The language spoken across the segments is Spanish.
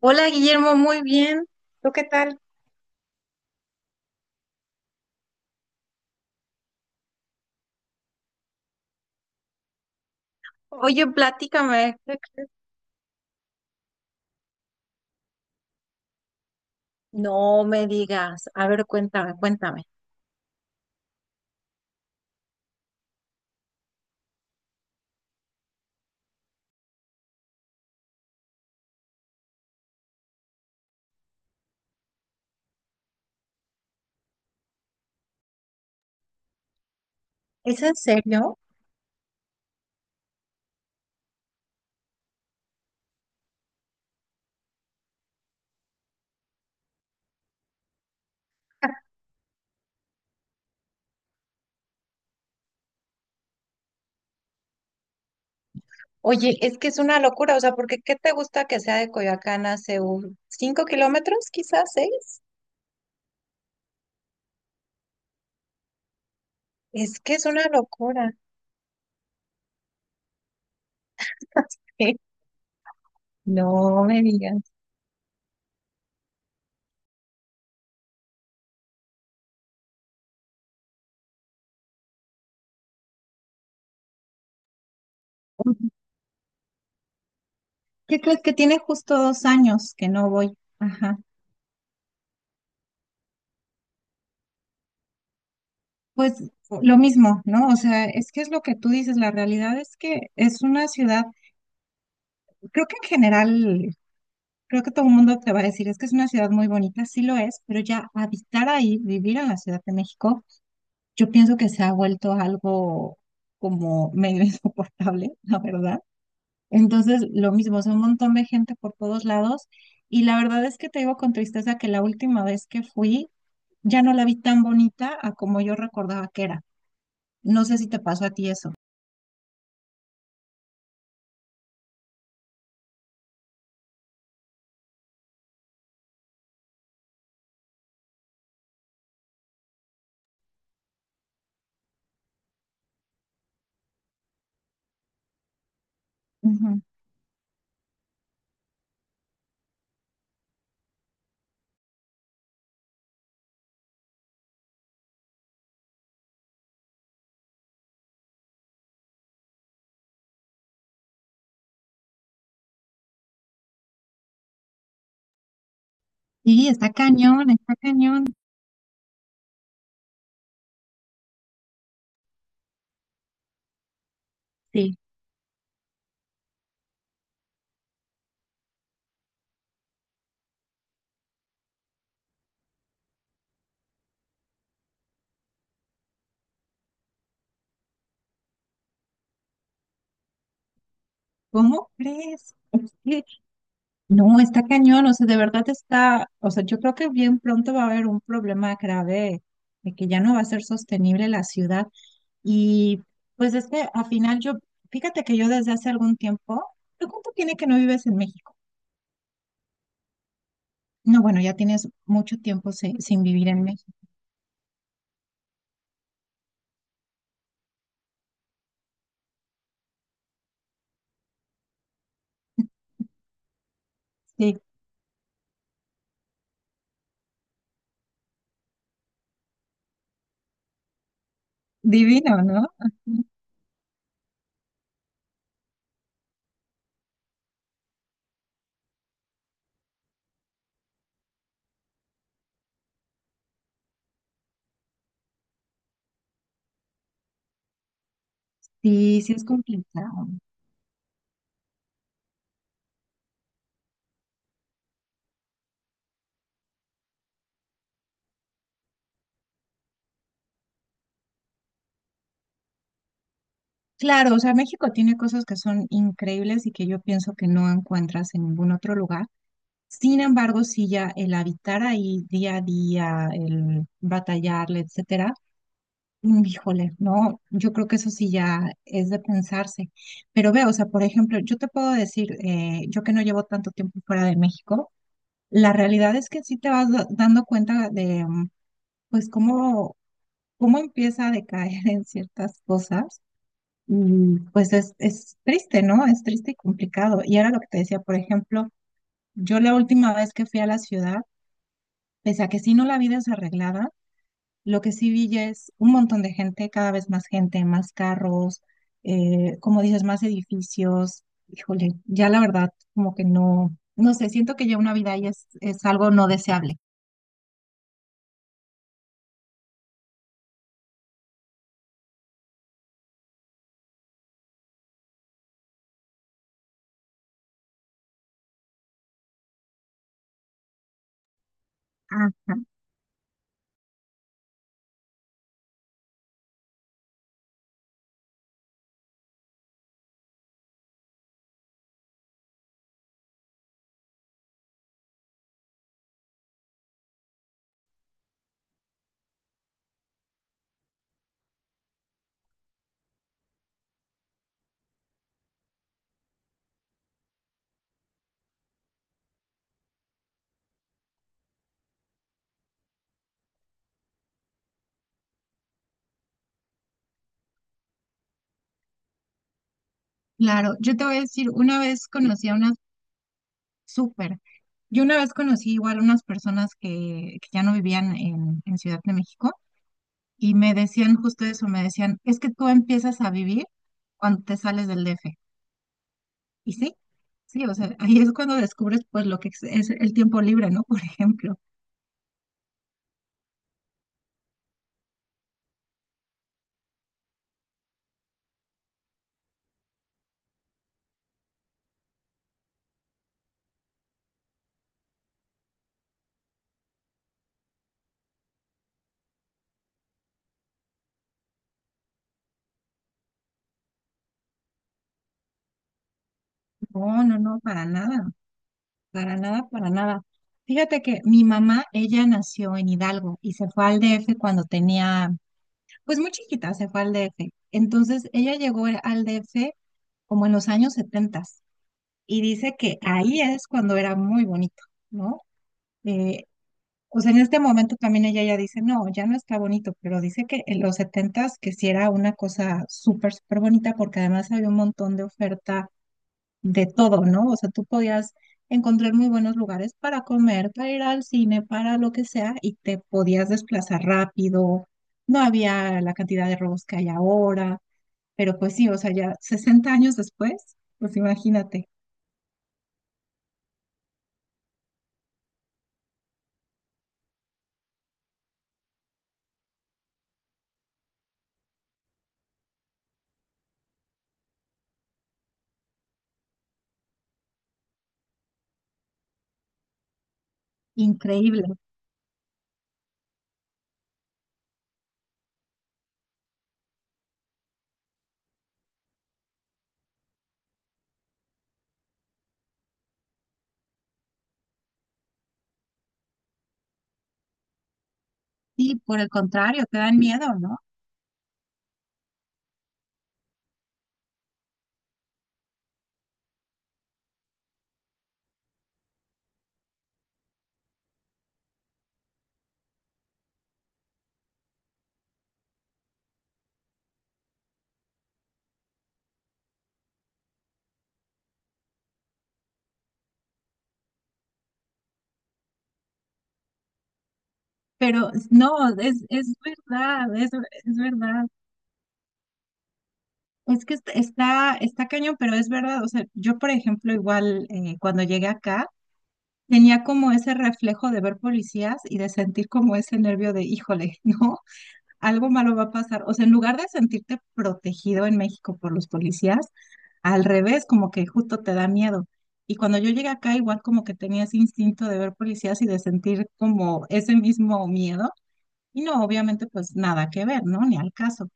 Hola Guillermo, muy bien. ¿Tú qué tal? Oye, platícame. ¿Qué crees? No me digas. A ver, cuéntame, cuéntame. ¿Es en serio? Oye, es que es una locura, o sea, porque ¿qué te gusta que sea de Coyoacán a Seúl? ¿5 kilómetros, quizás seis? Es que es una locura. Sí. No me digas. ¿Qué crees que tiene justo 2 años que no voy? Ajá. Pues lo mismo, ¿no? O sea, es que es lo que tú dices, la realidad es que es una ciudad, creo que en general creo que todo el mundo te va a decir, es que es una ciudad muy bonita, sí lo es, pero ya habitar ahí, vivir en la Ciudad de México, yo pienso que se ha vuelto algo como medio insoportable, la verdad. Entonces, lo mismo, son un montón de gente por todos lados y la verdad es que te digo con tristeza que la última vez que fui ya no la vi tan bonita a como yo recordaba que era. No sé si te pasó a ti eso. Ujú. Y está cañón, está cañón. Sí. ¿Cómo crees? No, está cañón, o sea, de verdad está, o sea, yo creo que bien pronto va a haber un problema grave de que ya no va a ser sostenible la ciudad. Y pues es que al final yo, fíjate que yo desde hace algún tiempo, ¿tú cuánto tiene que no vives en México? No, bueno, ya tienes mucho tiempo sin vivir en México. Sí, divino, ¿no? Sí, sí es complicado. Claro, o sea, México tiene cosas que son increíbles y que yo pienso que no encuentras en ningún otro lugar. Sin embargo, si ya el habitar ahí día a día, el batallarle, etcétera, híjole, no, yo creo que eso sí ya es de pensarse. Pero veo, o sea, por ejemplo, yo te puedo decir, yo que no llevo tanto tiempo fuera de México, la realidad es que sí te vas dando cuenta de, pues, cómo empieza a decaer en ciertas cosas. Y pues es triste, ¿no? Es triste y complicado. Y era lo que te decía, por ejemplo, yo la última vez que fui a la ciudad, pese a que sí no la vida es arreglada, lo que sí vi ya es un montón de gente, cada vez más gente, más carros, como dices, más edificios. Híjole, ya la verdad, como que no, no sé, siento que ya una vida ahí es, algo no deseable. Ajá, claro, yo te voy a decir, una vez conocí a unas súper, yo una vez conocí igual unas personas que ya no vivían en Ciudad de México y me decían justo eso, me decían, es que tú empiezas a vivir cuando te sales del DF. Y sí, sí, o sea, ahí es cuando descubres pues lo que es el tiempo libre, ¿no? Por ejemplo. No, no, no, para nada, para nada, para nada. Fíjate que mi mamá, ella nació en Hidalgo y se fue al DF cuando tenía, pues muy chiquita, se fue al DF. Entonces, ella llegó al DF como en los años 70 y dice que ahí es cuando era muy bonito, ¿no? Eh, pues en este momento también ella ya dice, no, ya no está bonito, pero dice que en los setentas que sí era una cosa súper, súper bonita porque además había un montón de oferta de todo, ¿no? O sea, tú podías encontrar muy buenos lugares para comer, para ir al cine, para lo que sea y te podías desplazar rápido. No había la cantidad de robos que hay ahora, pero pues sí, o sea, ya 60 años después, pues imagínate, increíble. Sí, por el contrario, te dan miedo, ¿no? Pero no, es verdad, es verdad. Es que está cañón, pero es verdad. O sea, yo, por ejemplo, igual cuando llegué acá, tenía como ese reflejo de ver policías y de sentir como ese nervio de, híjole, ¿no? Algo malo va a pasar. O sea, en lugar de sentirte protegido en México por los policías, al revés, como que justo te da miedo. Y cuando yo llegué acá, igual como que tenía ese instinto de ver policías y de sentir como ese mismo miedo. Y no, obviamente, pues nada que ver, ¿no? Ni al caso.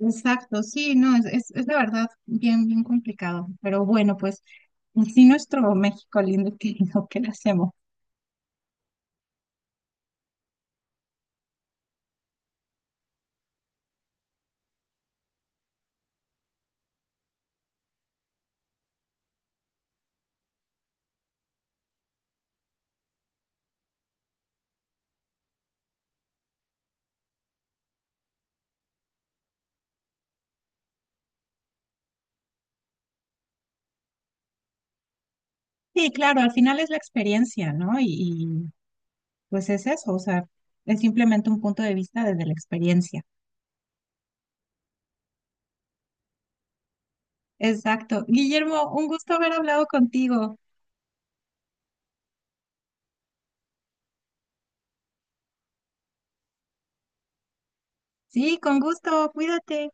Exacto, sí, no, es de verdad bien, bien complicado. Pero bueno, pues sí, nuestro México lindo y querido, ¿qué le hacemos? Sí, claro, al final es la experiencia, ¿no? Y pues es eso, o sea, es simplemente un punto de vista desde la experiencia. Exacto. Guillermo, un gusto haber hablado contigo. Sí, con gusto, cuídate.